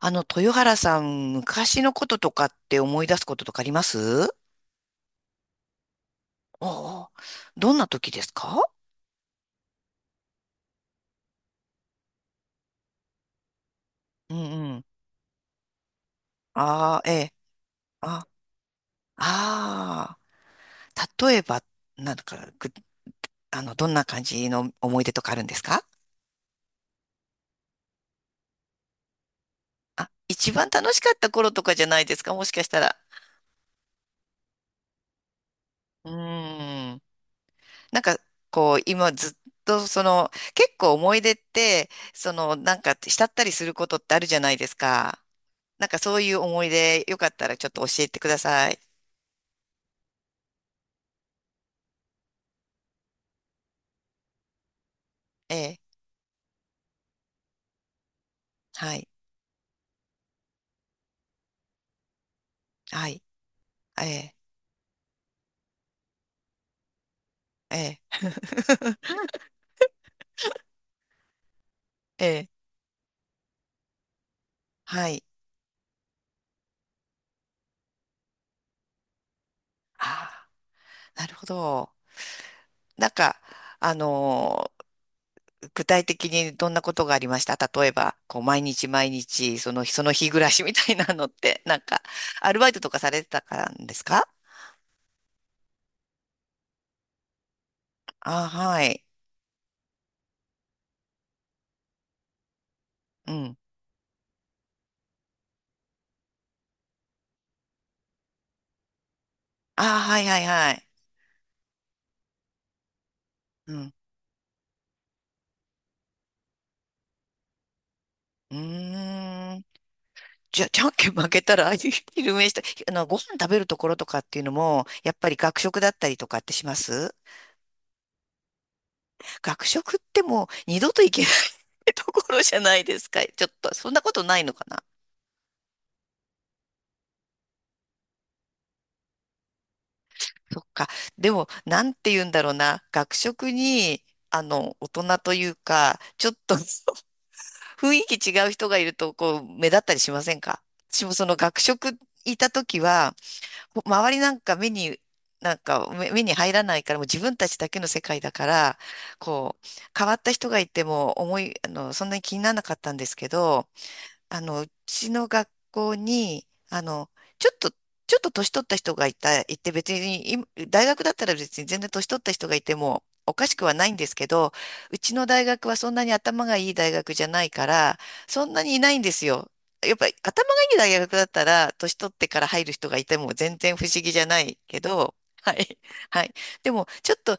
豊原さん、昔のこととかって思い出すこととかありますおお、どんな時ですか？うん、うん。ああ、ええ。あ、あ、あ、例えば、なんか、ぐどんな感じの思い出とかあるんですか？あ、一番楽しかった頃とかじゃないですか、もしかしたら。うーん。なんか、こう、今ずっと、結構思い出って、慕ったりすることってあるじゃないですか。なんかそういう思い出、よかったらちょっと教えてください。ええ、はい、はい、ええ、ええ、ええ、はい。ああ、なるほど。なんか、あのー具体的にどんなことがありました、例えば、こう、毎日毎日、その日、その日暮らしみたいなのって、アルバイトとかされてたからですか？ああ、はい。うん。ああ、はい、はい、はい。うん。うーん。じゃ、じゃんけん負けたら、あい、昼飯した、ご飯食べるところとかっていうのも、やっぱり学食だったりとかってします？学食ってもう二度と行けない ところじゃないですか。ちょっと、そんなことないのかな？そっか。でも、なんて言うんだろうな。学食に、大人というか、ちょっと 雰囲気違う人がいると、こう、目立ったりしませんか？私もその学食いた時は、周りなんか目に、なんか目目に入らないから、もう自分たちだけの世界だから、こう、変わった人がいても思い、あの、そんなに気にならなかったんですけど、うちの学校に、ちょっと、ちょっと年取った人がいて別に、今大学だったら別に全然年取った人がいてもおかしくはないんですけど、うちの大学はそんなに頭がいい大学じゃないから、そんなにいないんですよ。やっぱり頭がいい大学だったら、年取ってから入る人がいても全然不思議じゃないけど、はい。はい。でも、ちょっと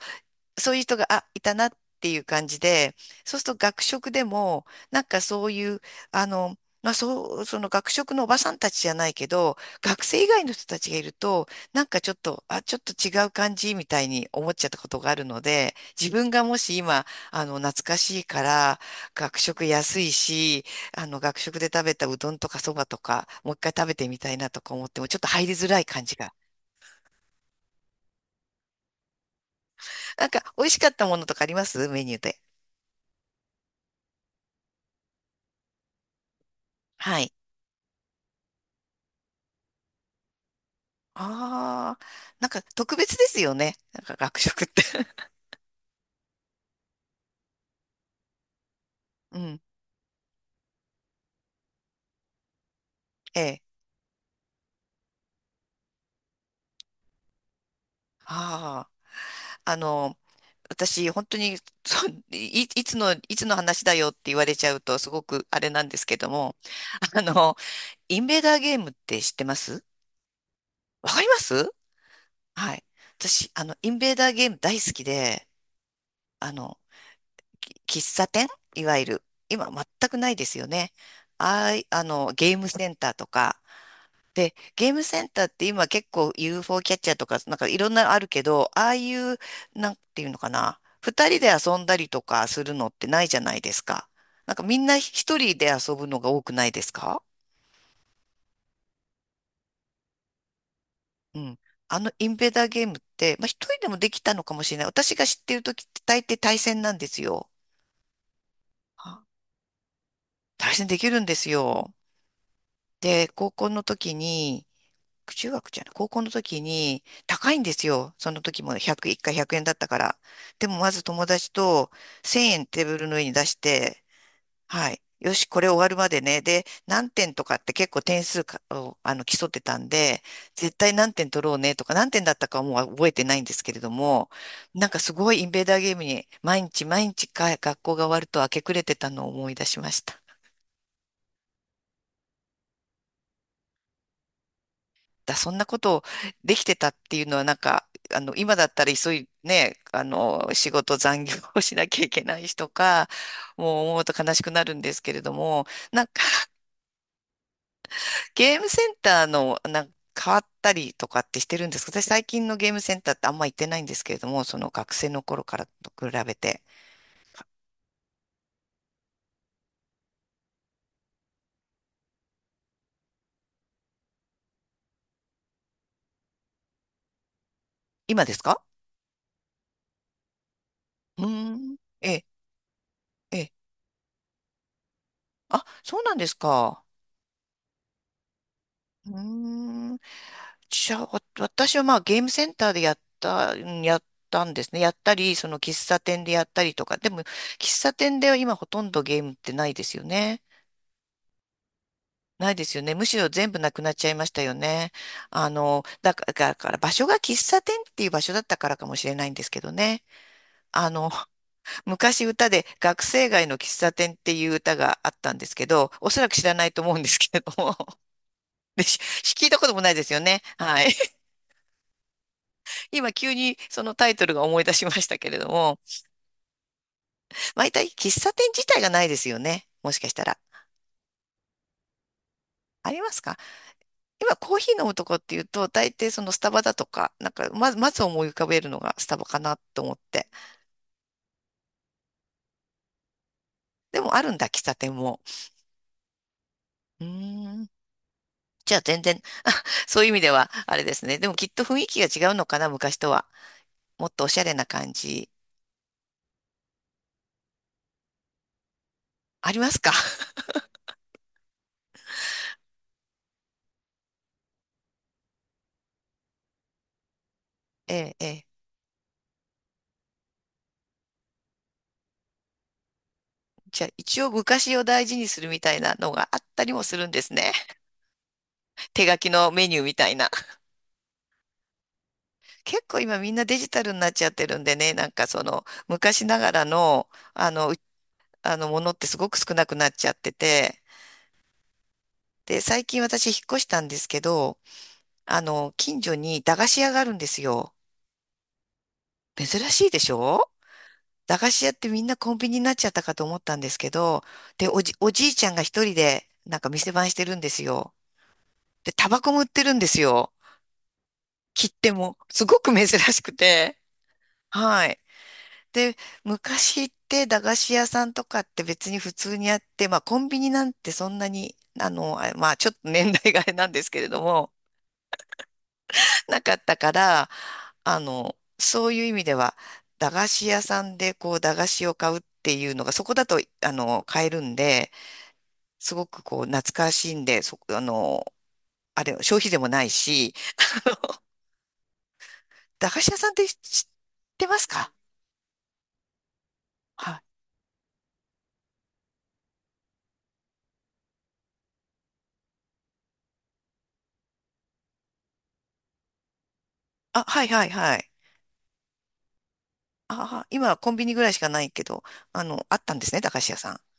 そういう人が、あ、いたなっていう感じで、そうすると学食でも、なんかそういう、あの、まあ、そう、その学食のおばさんたちじゃないけど、学生以外の人たちがいると、なんかちょっと、あ、ちょっと違う感じみたいに思っちゃったことがあるので、自分がもし今、懐かしいから、学食安いし、学食で食べたうどんとかそばとか、もう一回食べてみたいなとか思っても、ちょっと入りづらい感じが。なんか、美味しかったものとかあります、メニューで？はい。ああ、なんか特別ですよね。なんか学食って。うん。ええ。ああ。あの、私、本当に、いつの、いつの話だよって言われちゃうと、すごくあれなんですけども、あの、インベーダーゲームって知ってますわかりますはい。私、インベーダーゲーム大好きで、あの、喫茶店、いわゆる、今全くないですよね。ああい、あの、ゲームセンターとか、で、ゲームセンターって今結構 UFO キャッチャーとか、なんかいろんなのあるけど、ああいう、なんていうのかな、二人で遊んだりとかするのってないじゃないですか。なんかみんな一人で遊ぶのが多くないですか？うん。あのインベーダーゲームって、まあ、一人でもできたのかもしれない。私が知ってる時って大抵対戦なんですよ。あ、対戦できるんですよ。で、高校の時に、中学じゃない、高校の時に高いんですよ。その時も100、1回100円だったから。でもまず友達と1000円テーブルの上に出して、はい。よし、これ終わるまでね。で、何点とかって結構点数かを競ってたんで、絶対何点取ろうねとか、何点だったかはもう覚えてないんですけれども、なんかすごいインベーダーゲームに毎日毎日か学校が終わると明け暮れてたのを思い出しました。そんなことできてたっていうのは、今だったらね、仕事残業をしなきゃいけない人か、もう思うと悲しくなるんですけれども、なんか、ゲームセンターの、なんか変わったりとかってしてるんですか？私最近のゲームセンターってあんま行ってないんですけれども、その学生の頃からと比べて。今ですか？うーん、ええ、ええ。あ、そうなんですか。うーん。じゃあ、私はまあゲームセンターでやったんですね。やったり、その喫茶店でやったりとか。でも、喫茶店では今ほとんどゲームってないですよね。ないですよね。むしろ全部なくなっちゃいましたよね。だから場所が喫茶店っていう場所だったからかもしれないんですけどね。あの、昔歌で学生街の喫茶店っていう歌があったんですけど、おそらく知らないと思うんですけれども。で、し聞いたこともないですよね。はい。今急にそのタイトルが思い出しましたけれども、毎回喫茶店自体がないですよね。もしかしたら。ありますか？今コーヒー飲むとこっていうと、大抵そのスタバだとか、なんかまず、まず思い浮かべるのがスタバかなと思って。でもあるんだ、喫茶店も。うーん。じゃあ全然、そういう意味ではあれですね。でもきっと雰囲気が違うのかな、昔とは。もっとおしゃれな感じ。ありますか？ ええ、ええ。じゃあ一応昔を大事にするみたいなのがあったりもするんですね。手書きのメニューみたいな。結構今みんなデジタルになっちゃってるんでね、なんかその昔ながらの、あのものってすごく少なくなっちゃってて、で、最近私引っ越したんですけど、近所に駄菓子屋があるんですよ。珍しいでしょ？駄菓子屋ってみんなコンビニになっちゃったかと思ったんですけど、で、おじいちゃんが一人でなんか店番してるんですよ。で、タバコも売ってるんですよ。切手も。すごく珍しくて。はい。で、昔って駄菓子屋さんとかって別に普通にあって、まあコンビニなんてそんなに、まあちょっと年代があれなんですけれども、なかったから、そういう意味では、駄菓子屋さんでこう駄菓子を買うっていうのが、そこだと、買えるんで、すごくこう懐かしいんで、そ、あの、あれ、消費税もないし、駄菓子屋さんって知ってますか？はい。あ、はいはいはい。ああ、今はコンビニぐらいしかないけど、あったんですね、駄菓子屋さん。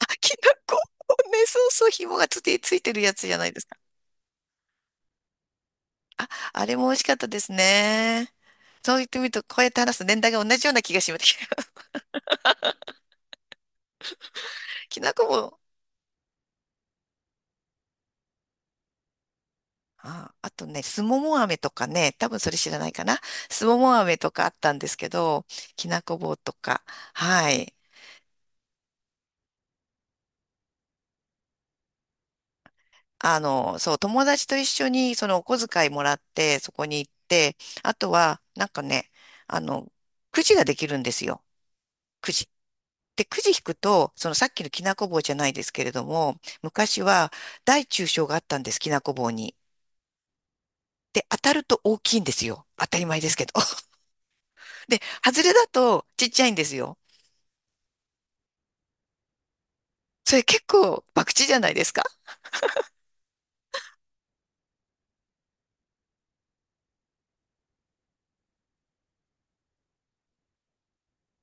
あ、きなこ。ね、そうそう、紐がつて、ついてるやつじゃないですか。あ、あれも美味しかったですね。そう言ってみると、こうやって話す年代が同じような気がします。きなこも、あ、あとね、すもも飴とかね、多分それ知らないかな。すもも飴とかあったんですけど、きなこ棒とか、はい。そう、友達と一緒にそのお小遣いもらって、そこに行って、あとは、なんかね、あの、くじができるんですよ。くじ。で、くじ引くと、そのさっきのきなこ棒じゃないですけれども、昔は大中小があったんです、きなこ棒に。で、当たると大きいんですよ。当たり前ですけど。で、外れだとちっちゃいんですよ。それ結構博打じゃないですか。